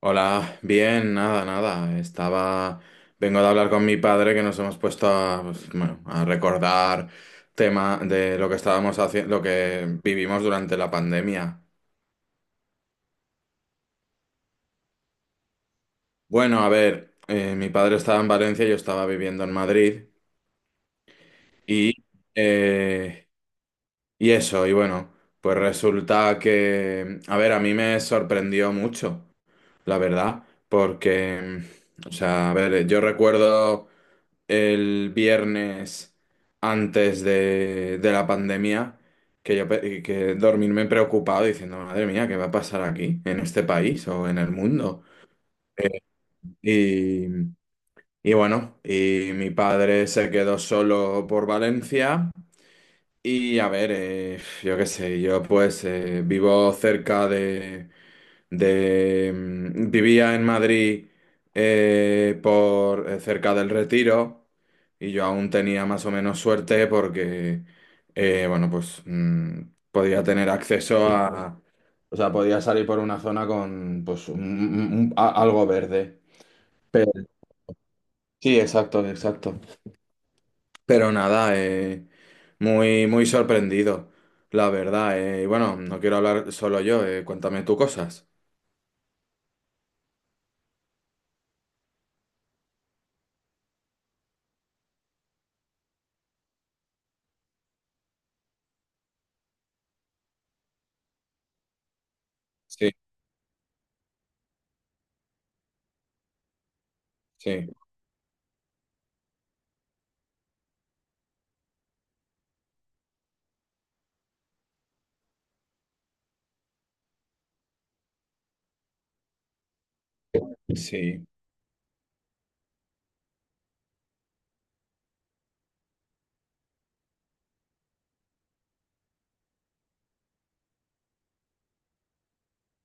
Hola, bien, nada, nada. Vengo de hablar con mi padre que nos hemos puesto pues, bueno, a recordar tema de lo que estábamos haciendo, lo que vivimos durante la pandemia. Bueno, a ver, mi padre estaba en Valencia, yo estaba viviendo en Madrid y, eh, y eso, y bueno, pues resulta que, a ver, a mí me sorprendió mucho, la verdad, porque, o sea, a ver, yo recuerdo el viernes antes de la pandemia, que que dormirme preocupado diciendo, madre mía, ¿qué va a pasar aquí, en este país o en el mundo? Y, y bueno, y mi padre se quedó solo por Valencia. Y a ver, yo qué sé, yo pues vivo cerca de, mm, Vivía en Madrid, por cerca del Retiro, y yo aún tenía más o menos suerte porque, bueno, pues podía tener acceso a... O sea, podía salir por una zona con pues algo verde. Pero... Sí, exacto, exacto. Pero nada, muy, muy sorprendido, la verdad. Y bueno, no quiero hablar solo yo, cuéntame tú cosas. Sí, sí, sí,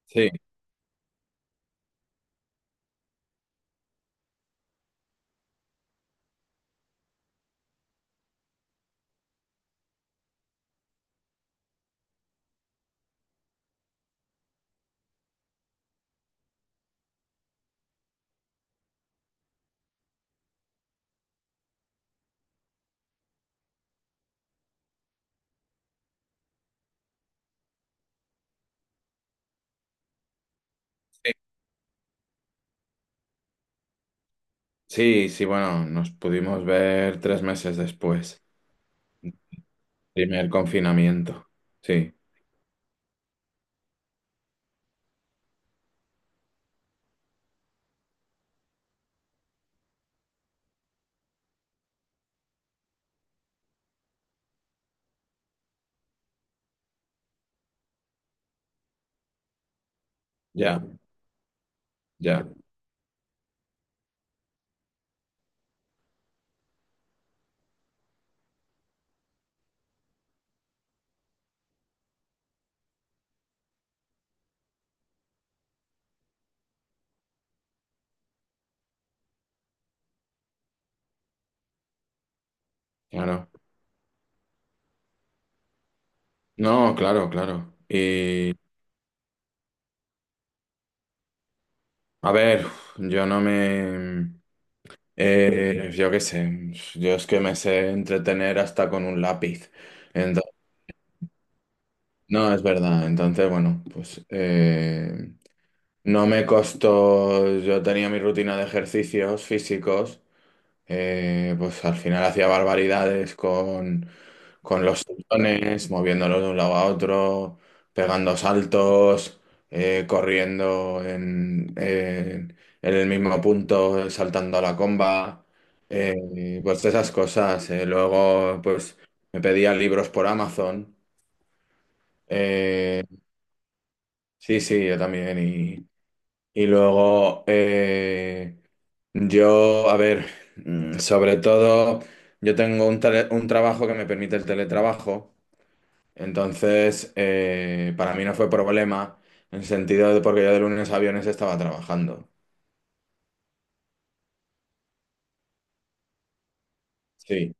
sí, sí, sí, sí, bueno, nos pudimos ver 3 meses después, primer confinamiento. Sí, ya, ya, claro. No, claro, claro. Y a ver, yo no me... yo qué sé, yo es que me sé entretener hasta con un lápiz. Entonces. No, es verdad. Entonces, bueno, pues no me costó, yo tenía mi rutina de ejercicios físicos, pues al final hacía barbaridades con los tendones, moviéndolos de un lado a otro, pegando saltos, corriendo en el mismo punto, saltando a la comba, pues esas cosas. Luego, pues me pedía libros por Amazon. eh, Sí, sí, yo también. Y luego, yo, a ver, sobre todo, yo tengo un trabajo que me permite el teletrabajo. Entonces, para mí no fue problema, en el sentido de porque yo de lunes a viernes estaba trabajando. Sí,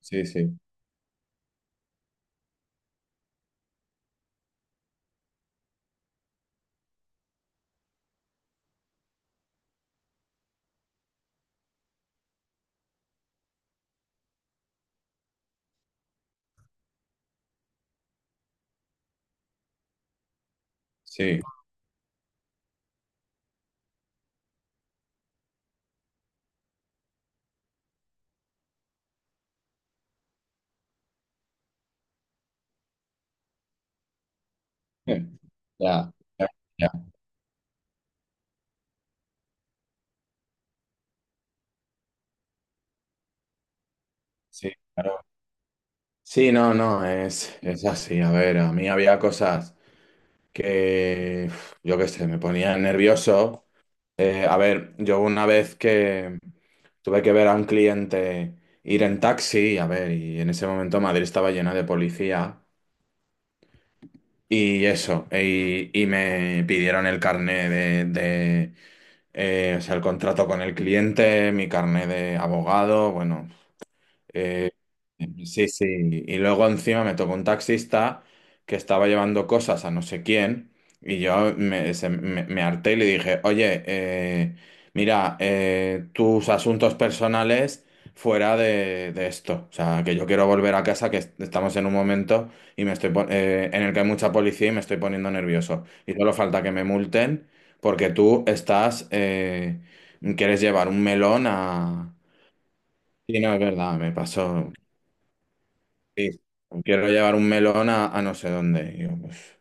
sí, sí, sí. Ya, ya, ya, sí, claro. Sí, no, no, es así. A ver, a mí había cosas que, uf, yo qué sé, me ponía nervioso. A ver, yo una vez que tuve que ver a un cliente ir en taxi, a ver, y en ese momento Madrid estaba llena de policía. Y eso, y me pidieron el carné o sea, el contrato con el cliente, mi carné de abogado, bueno. eh, Sí, sí. Y luego encima me tocó un taxista que estaba llevando cosas a no sé quién, y yo me harté y le dije, oye, mira, tus asuntos personales fuera de esto. O sea, que yo quiero volver a casa, que estamos en un momento en el que hay mucha policía y me estoy poniendo nervioso. Y solo falta que me multen porque quieres llevar un melón a... Sí, no, es verdad, me pasó. Sí, no quiero llevar un melón a no sé dónde. Y yo, pues,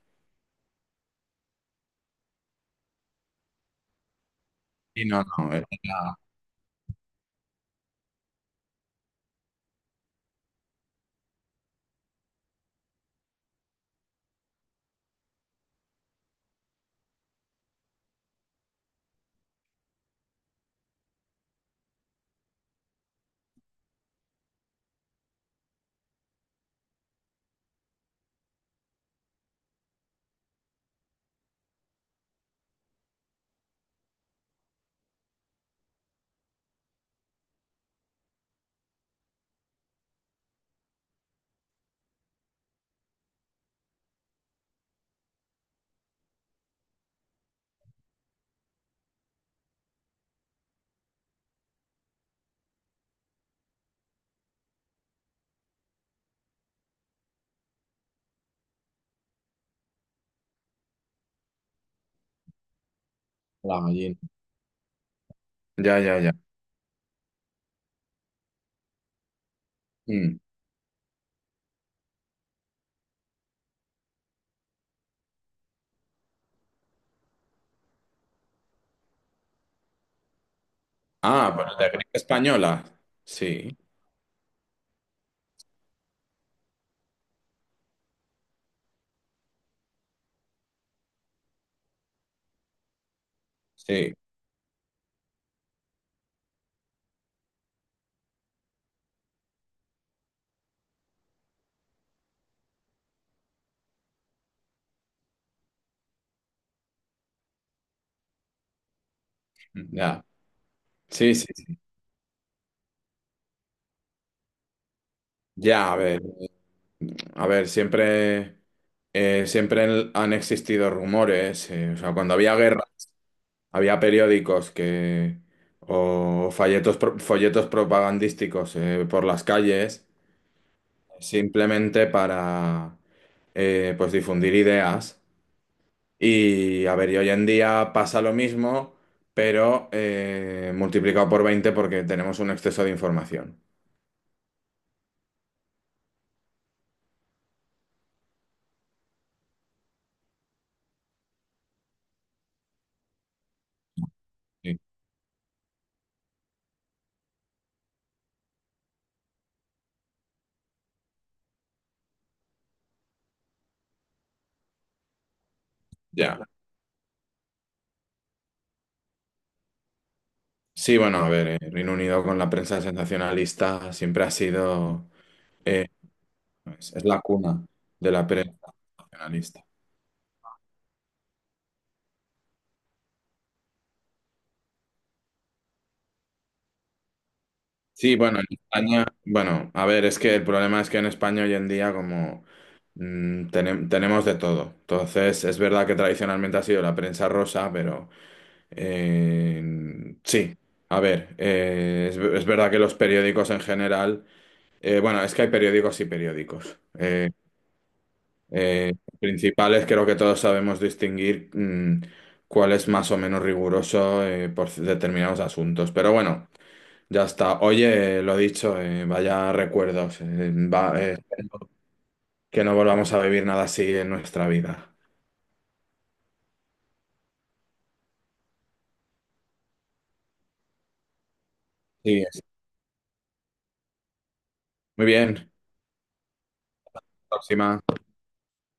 y no, no, es la gallina. Ya, ya, ya. Mm. Ah, pero de gripe española. Sí, sí, ya. Sí, sí, sí. Ya, a ver. A ver, siempre han existido rumores. O sea, cuando había guerra, había periódicos que, o folletos, folletos propagandísticos, por las calles, simplemente para pues difundir ideas. Y a ver, y hoy en día pasa lo mismo, pero multiplicado por 20 porque tenemos un exceso de información. Sí. Ya. Sí, bueno, a ver, Reino Unido con la prensa sensacionalista siempre ha sido, eh, es la cuna de la prensa sensacionalista. Sí, bueno, en España, bueno, a ver, es que el problema es que en España hoy en día como tenemos de todo. Entonces, es verdad que tradicionalmente ha sido la prensa rosa, pero eh, sí, a ver, es verdad que los periódicos en general, bueno, es que hay periódicos y periódicos. Eh, principales, creo que todos sabemos distinguir cuál es más o menos riguroso, por determinados asuntos. Pero bueno. Ya está. Oye, lo dicho, vaya recuerdos. Que no volvamos a vivir nada así en nuestra vida. Sí, muy bien. Próxima.